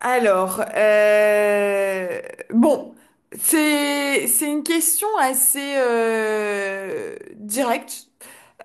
Alors, euh, bon, c'est une question assez directe,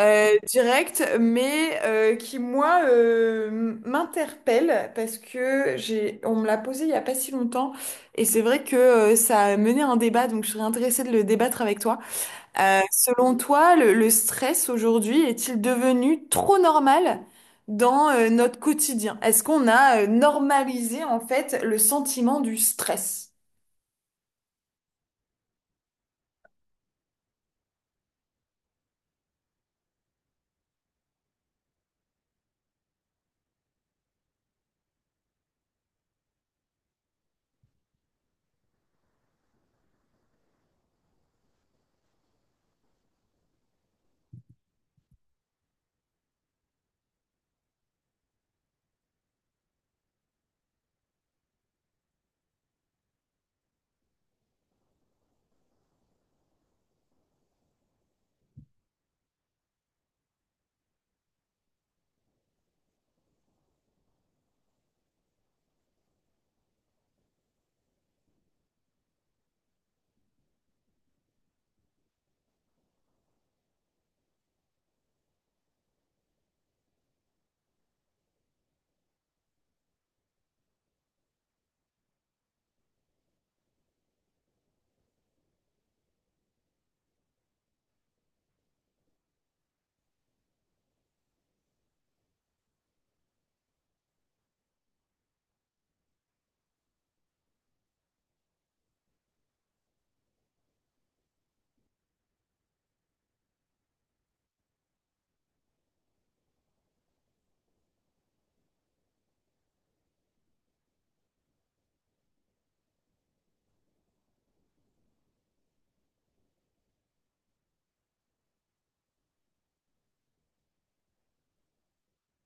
directe, mais qui moi m'interpelle parce que j'ai on me l'a posée il y a pas si longtemps et c'est vrai que ça a mené un débat, donc je serais intéressée de le débattre avec toi. Selon toi, le stress aujourd'hui est-il devenu trop normal dans notre quotidien? Est-ce qu'on a normalisé en fait le sentiment du stress?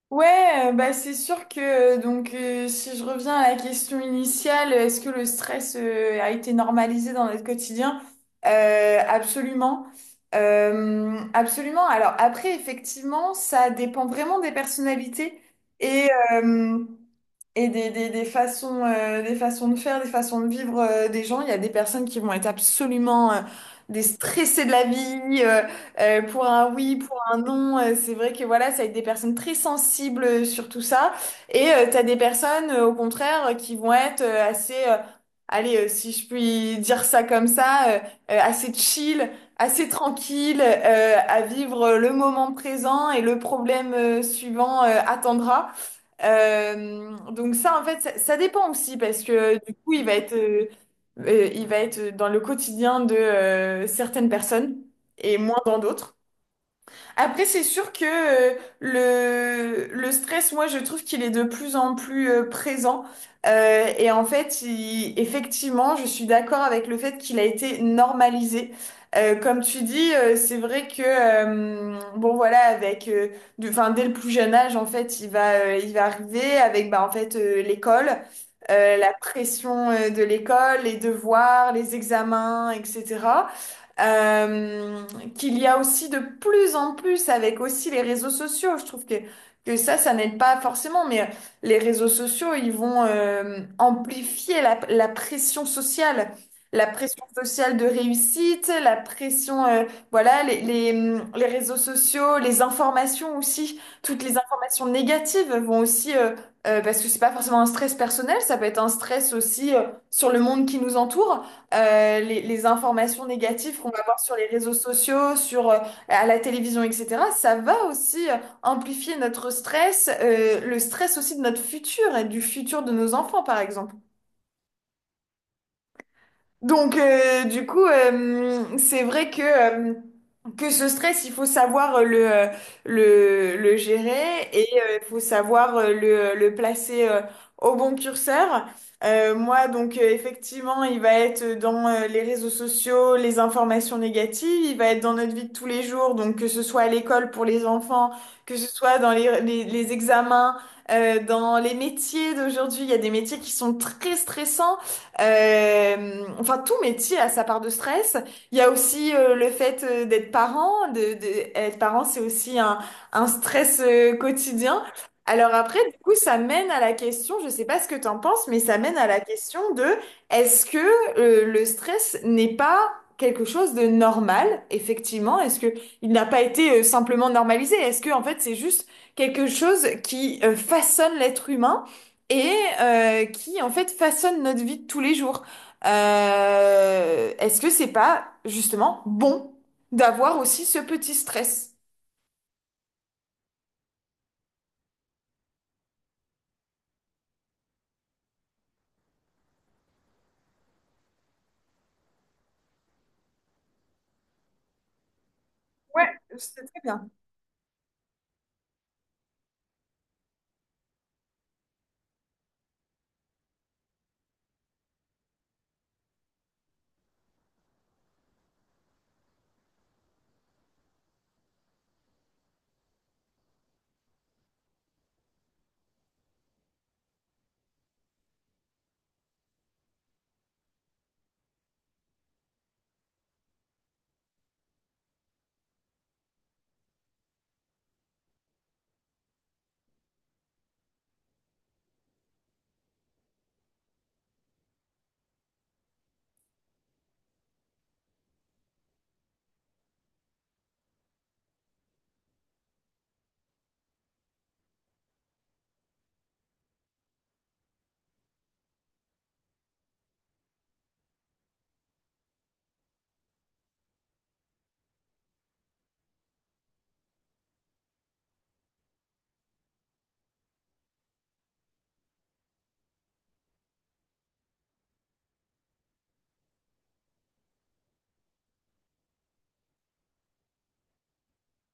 Ouais, bah c'est sûr que si je reviens à la question initiale, est-ce que le stress a été normalisé dans notre quotidien? Euh, absolument, Absolument. Alors après, effectivement, ça dépend vraiment des personnalités et euh, Et des, des façons de faire, des façons de vivre des gens. Il y a des personnes qui vont être absolument des stressés de la vie pour un oui, pour un non. C'est vrai que voilà, ça va être des personnes très sensibles sur tout ça. Et tu as des personnes, au contraire, qui vont être assez, si je puis dire ça comme ça, assez chill, assez tranquille, à vivre le moment présent et le problème suivant attendra. Donc ça, en fait, ça dépend aussi parce que du coup, il va être dans le quotidien de certaines personnes et moins dans d'autres. Après, c'est sûr que le stress, moi, je trouve qu'il est de plus en plus présent. Et en fait, effectivement, je suis d'accord avec le fait qu'il a été normalisé. Comme tu dis, c'est vrai que, voilà, enfin, dès le plus jeune âge, en fait, il va arriver avec, en fait, l'école, la pression, de l'école, les devoirs, les examens, etc. Euh, Qu'il y a aussi de plus en plus avec aussi les réseaux sociaux. Je trouve que ça n'aide pas forcément, mais les réseaux sociaux, ils vont amplifier la pression sociale. La pression sociale de réussite, la pression, voilà, les réseaux sociaux, les informations aussi, toutes les informations négatives vont aussi, parce que c'est pas forcément un stress personnel, ça peut être un stress aussi sur le monde qui nous entoure les informations négatives qu'on va voir sur les réseaux sociaux, à la télévision, etc., ça va aussi amplifier notre stress, le stress aussi de notre futur et du futur de nos enfants, par exemple. Donc, c'est vrai que ce stress, il faut savoir le gérer et il faut savoir le placer au bon curseur. Effectivement, il va être dans les réseaux sociaux, les informations négatives, il va être dans notre vie de tous les jours, donc que ce soit à l'école pour les enfants, que ce soit dans les, les examens, dans les métiers d'aujourd'hui, il y a des métiers qui sont très stressants. Enfin, tout métier a sa part de stress. Il y a aussi le fait d'être parent. Être parent, c'est aussi un stress quotidien. Alors après, du coup, ça mène à la question, je sais pas ce que t'en penses, mais ça mène à la question de est-ce que le stress n'est pas quelque chose de normal, effectivement? Est-ce que il n'a pas été simplement normalisé? Est-ce que en fait, c'est juste quelque chose qui façonne l'être humain? Et qui en fait façonne notre vie de tous les jours. Est-ce que c'est pas justement bon d'avoir aussi ce petit stress? Ouais, c'est très bien.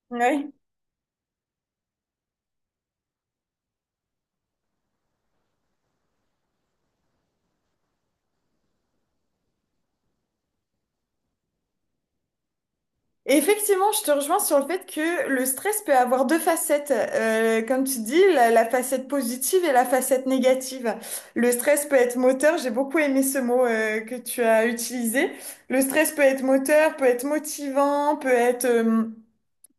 Oui. Effectivement, je te rejoins sur le fait que le stress peut avoir deux facettes. Comme tu dis, la facette positive et la facette négative. Le stress peut être moteur, j'ai beaucoup aimé ce mot que tu as utilisé. Le stress peut être moteur, peut être motivant, peut être... euh,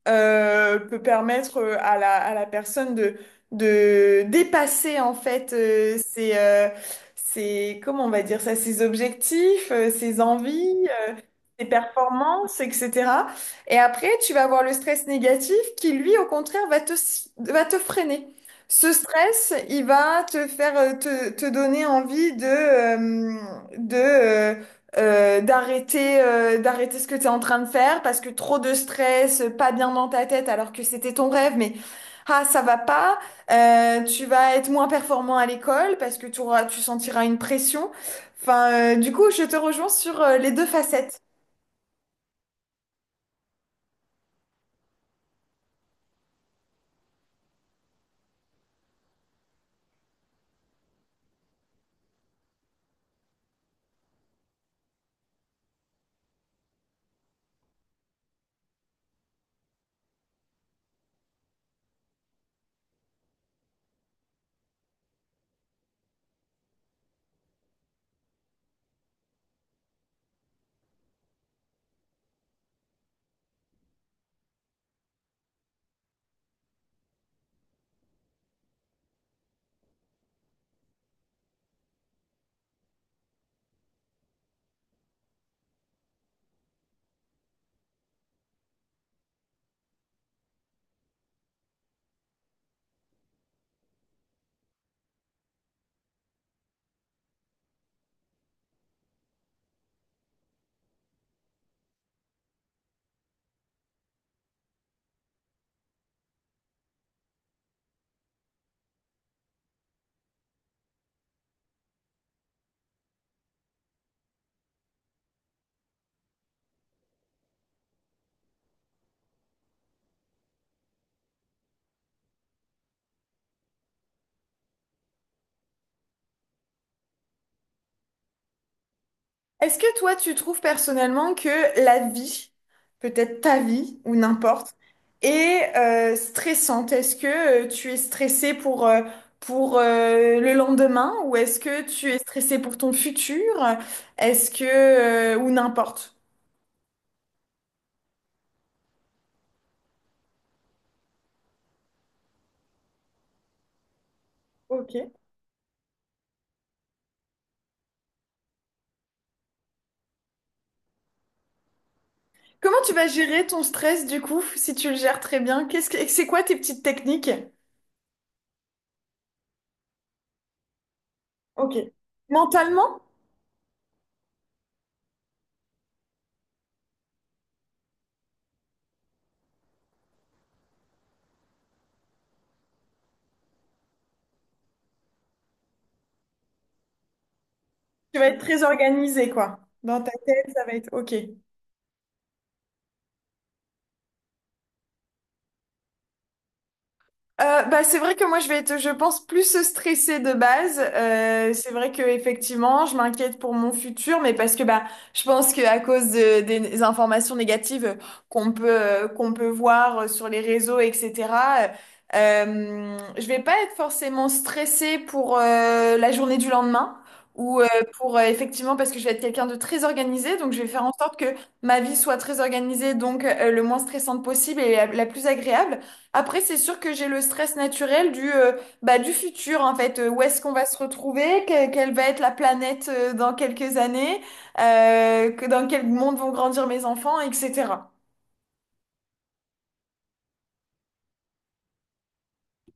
euh, peut permettre à la personne de dépasser en fait comment on va dire ça, ses objectifs, ses envies tes performances, etc. Et après, tu vas avoir le stress négatif qui, lui, au contraire, va te freiner. Ce stress, il va te faire, te donner envie de, de, euh, d'arrêter, d'arrêter ce que tu es en train de faire parce que trop de stress, pas bien dans ta tête alors que c'était ton rêve, mais ah, ça va pas. Tu vas être moins performant à l'école parce que tu auras, tu sentiras une pression. Enfin, du coup, je te rejoins sur les deux facettes. Est-ce que toi, tu trouves personnellement que la vie, peut-être ta vie ou n'importe, est stressante? Est-ce que tu es stressé pour, le lendemain ou est-ce que tu es stressé pour ton futur? Est-ce que... ou n'importe. Ok. Comment tu vas gérer ton stress du coup, si tu le gères très bien? C'est quoi tes petites techniques? Ok. Mentalement, tu vas être très organisé, quoi. Dans ta tête, ça va être ok. C'est vrai que moi je vais être, je pense, plus stressée de base. C'est vrai que effectivement, je m'inquiète pour mon futur, mais parce que je pense que des informations négatives qu'on peut voir sur les réseaux, etc. Je vais pas être forcément stressée pour la journée du lendemain ou pour effectivement parce que je vais être quelqu'un de très organisé, donc je vais faire en sorte que ma vie soit très organisée, donc le moins stressante possible et la plus agréable. Après, c'est sûr que j'ai le stress naturel du futur, en fait. Où est-ce qu'on va se retrouver? Quelle va être la planète, dans quelques années? Dans quel monde vont grandir mes enfants, etc.